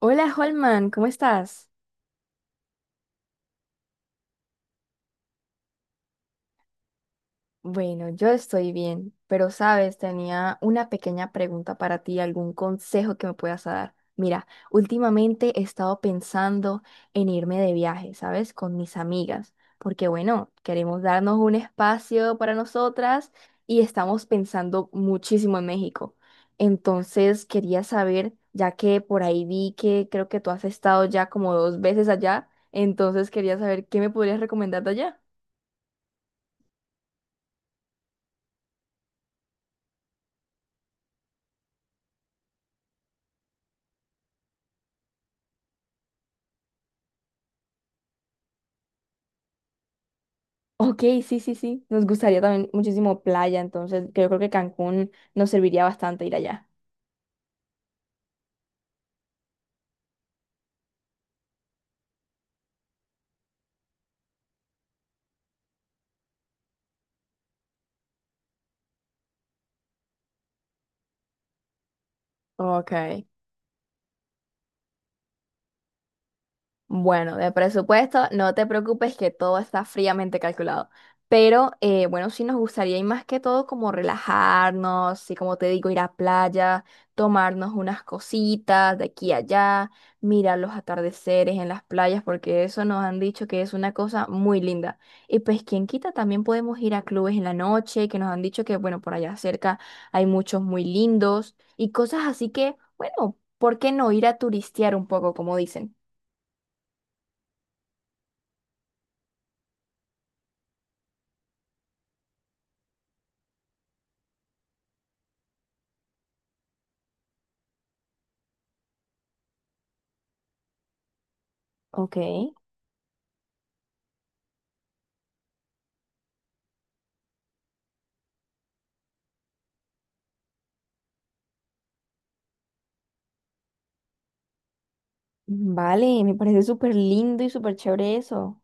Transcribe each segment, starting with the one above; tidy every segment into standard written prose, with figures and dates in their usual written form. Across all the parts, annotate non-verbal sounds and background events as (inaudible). Hola Holman, ¿cómo estás? Bueno, yo estoy bien, pero sabes, tenía una pequeña pregunta para ti, algún consejo que me puedas dar. Mira, últimamente he estado pensando en irme de viaje, ¿sabes? Con mis amigas, porque bueno, queremos darnos un espacio para nosotras y estamos pensando muchísimo en México. Entonces quería saber, ya que por ahí vi que creo que tú has estado ya como dos veces allá, entonces quería saber qué me podrías recomendar de allá. Ok, sí, sí, sí. Nos gustaría también muchísimo playa, entonces que yo creo que Cancún nos serviría bastante ir allá. Ok. Bueno, de presupuesto, no te preocupes que todo está fríamente calculado. Pero bueno, sí nos gustaría y más que todo como relajarnos, y como te digo, ir a playa, tomarnos unas cositas de aquí a allá, mirar los atardeceres en las playas, porque eso nos han dicho que es una cosa muy linda. Y pues quien quita, también podemos ir a clubes en la noche, que nos han dicho que bueno, por allá cerca hay muchos muy lindos y cosas así que, bueno, ¿por qué no ir a turistear un poco, como dicen? Ok. Vale, me parece súper lindo y súper chévere eso.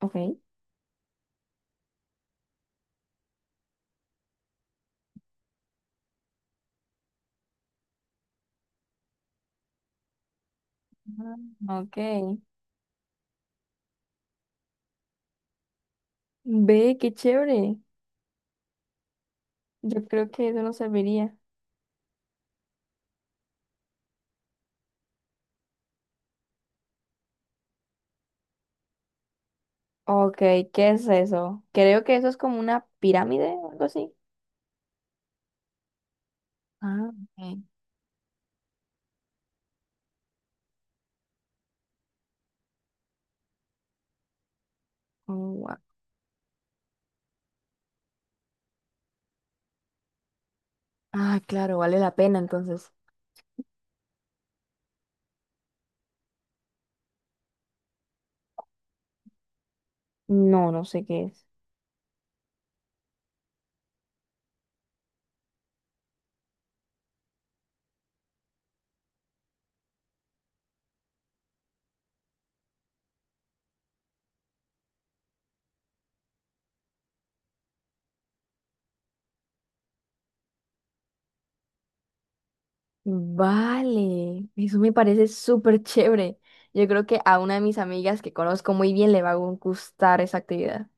Ok. Ah, ok. Ve, qué chévere. Yo creo que eso nos serviría. Ok, ¿qué es eso? Creo que eso es como una pirámide o algo así. Ah, ok. Oh, gua- Ah, claro, vale la pena entonces. No, no sé qué es. Vale, eso me parece súper chévere. Yo creo que a una de mis amigas que conozco muy bien le va a gustar esa actividad.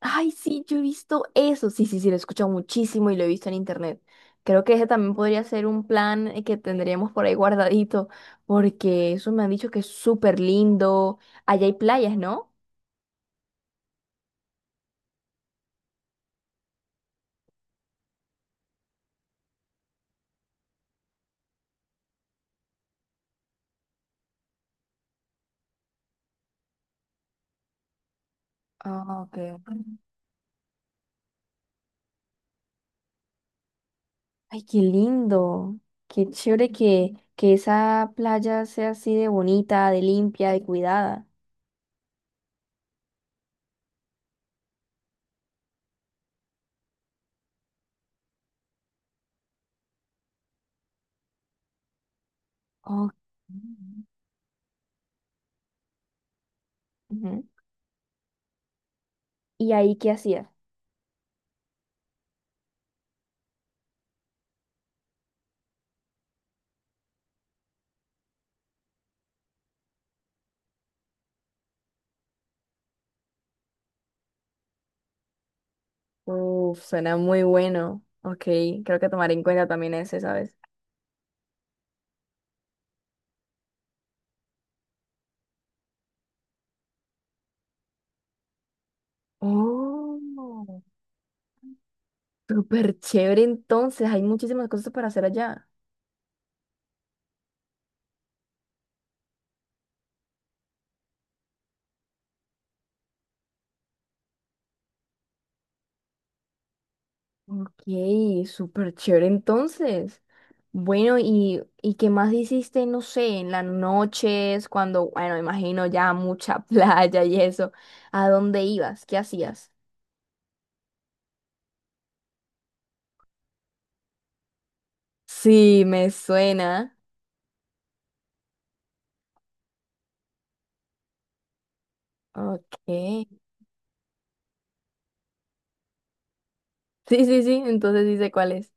Ay, sí, yo he visto eso. Sí, sí, sí, lo he escuchado muchísimo y lo he visto en internet. Creo que ese también podría ser un plan que tendríamos por ahí guardadito, porque eso me han dicho que es súper lindo. Allá hay playas, ¿no? Ah, ok. Ok. Ay, qué lindo. Qué chévere que esa playa sea así de bonita, de limpia, de cuidada. Ok. Ujú. ¿Y ahí qué hacías? Uf, suena muy bueno. Ok, creo que tomaré en cuenta también ese, ¿sabes? Oh, súper chévere entonces. Hay muchísimas cosas para hacer allá. Ok, súper chévere entonces. Bueno, ¿y qué más hiciste, no sé, en las noches, cuando, bueno, imagino ya mucha (laughs) playa y eso? ¿A dónde ibas? ¿Qué hacías? Sí, me suena. Ok. Sí, sí, sí, entonces dice cuál es.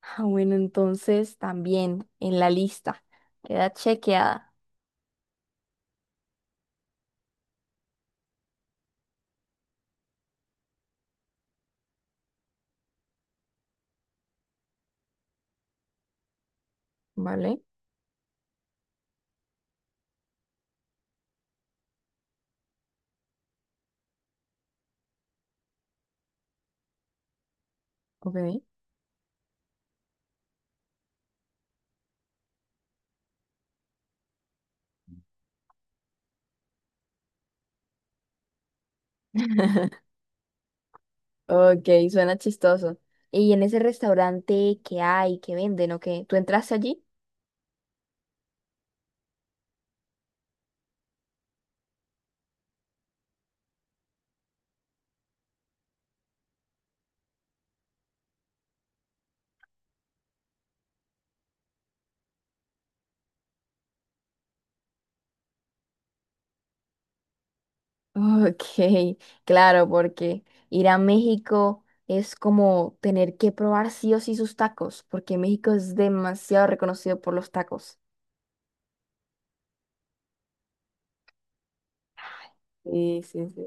Ah, bueno, entonces también en la lista. Queda chequeada, ¿vale? Ok. Ok, suena chistoso. ¿Y en ese restaurante qué hay, qué venden o qué? ¿Tú entraste allí? Ok, (laughs) claro, porque ir a México es como tener que probar sí o sí sus tacos, porque México es demasiado reconocido por los tacos. Sí, sí, sí.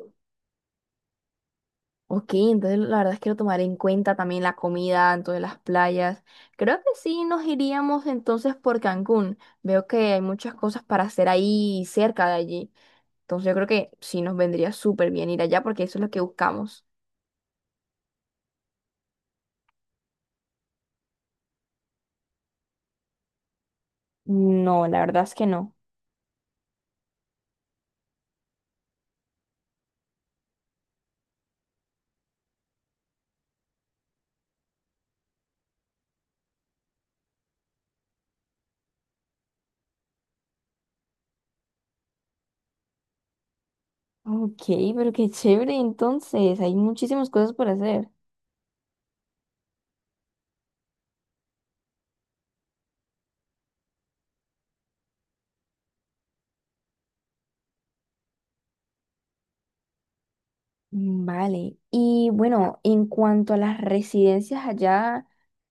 Ok, entonces la verdad es que lo tomaré en cuenta también la comida, entonces las playas. Creo que sí nos iríamos entonces por Cancún. Veo que hay muchas cosas para hacer ahí cerca de allí. Entonces yo creo que sí nos vendría súper bien ir allá porque eso es lo que buscamos. No, la verdad es que no. Ok, pero qué chévere, entonces, hay muchísimas cosas por hacer. Vale, y bueno, en cuanto a las residencias allá,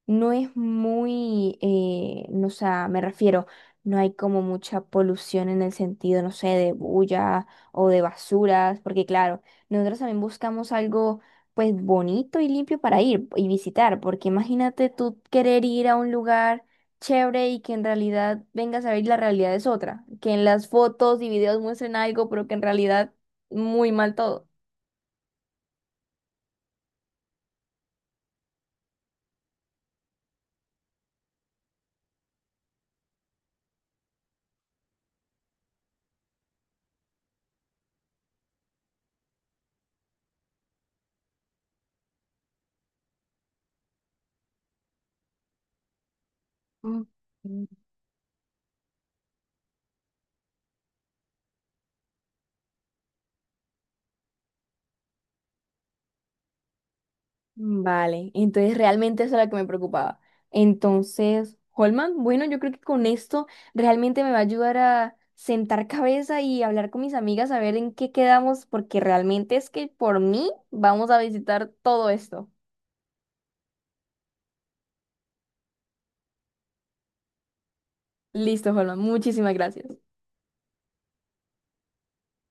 no es muy, no, o sea, me refiero, no hay como mucha polución en el sentido, no sé, de bulla o de basuras, porque claro, nosotros también buscamos algo pues bonito y limpio para ir y visitar, porque imagínate tú querer ir a un lugar chévere y que en realidad vengas a ver y la realidad es otra, que en las fotos y videos muestren algo, pero que en realidad muy mal todo. Mm, mm. Vale, entonces realmente eso era lo que me preocupaba. Entonces, Holman, bueno, yo creo que con esto realmente me va a ayudar a sentar cabeza y hablar con mis amigas a ver en qué quedamos, porque realmente es que por mí vamos a visitar todo esto. Listo, Holman, muchísimas gracias.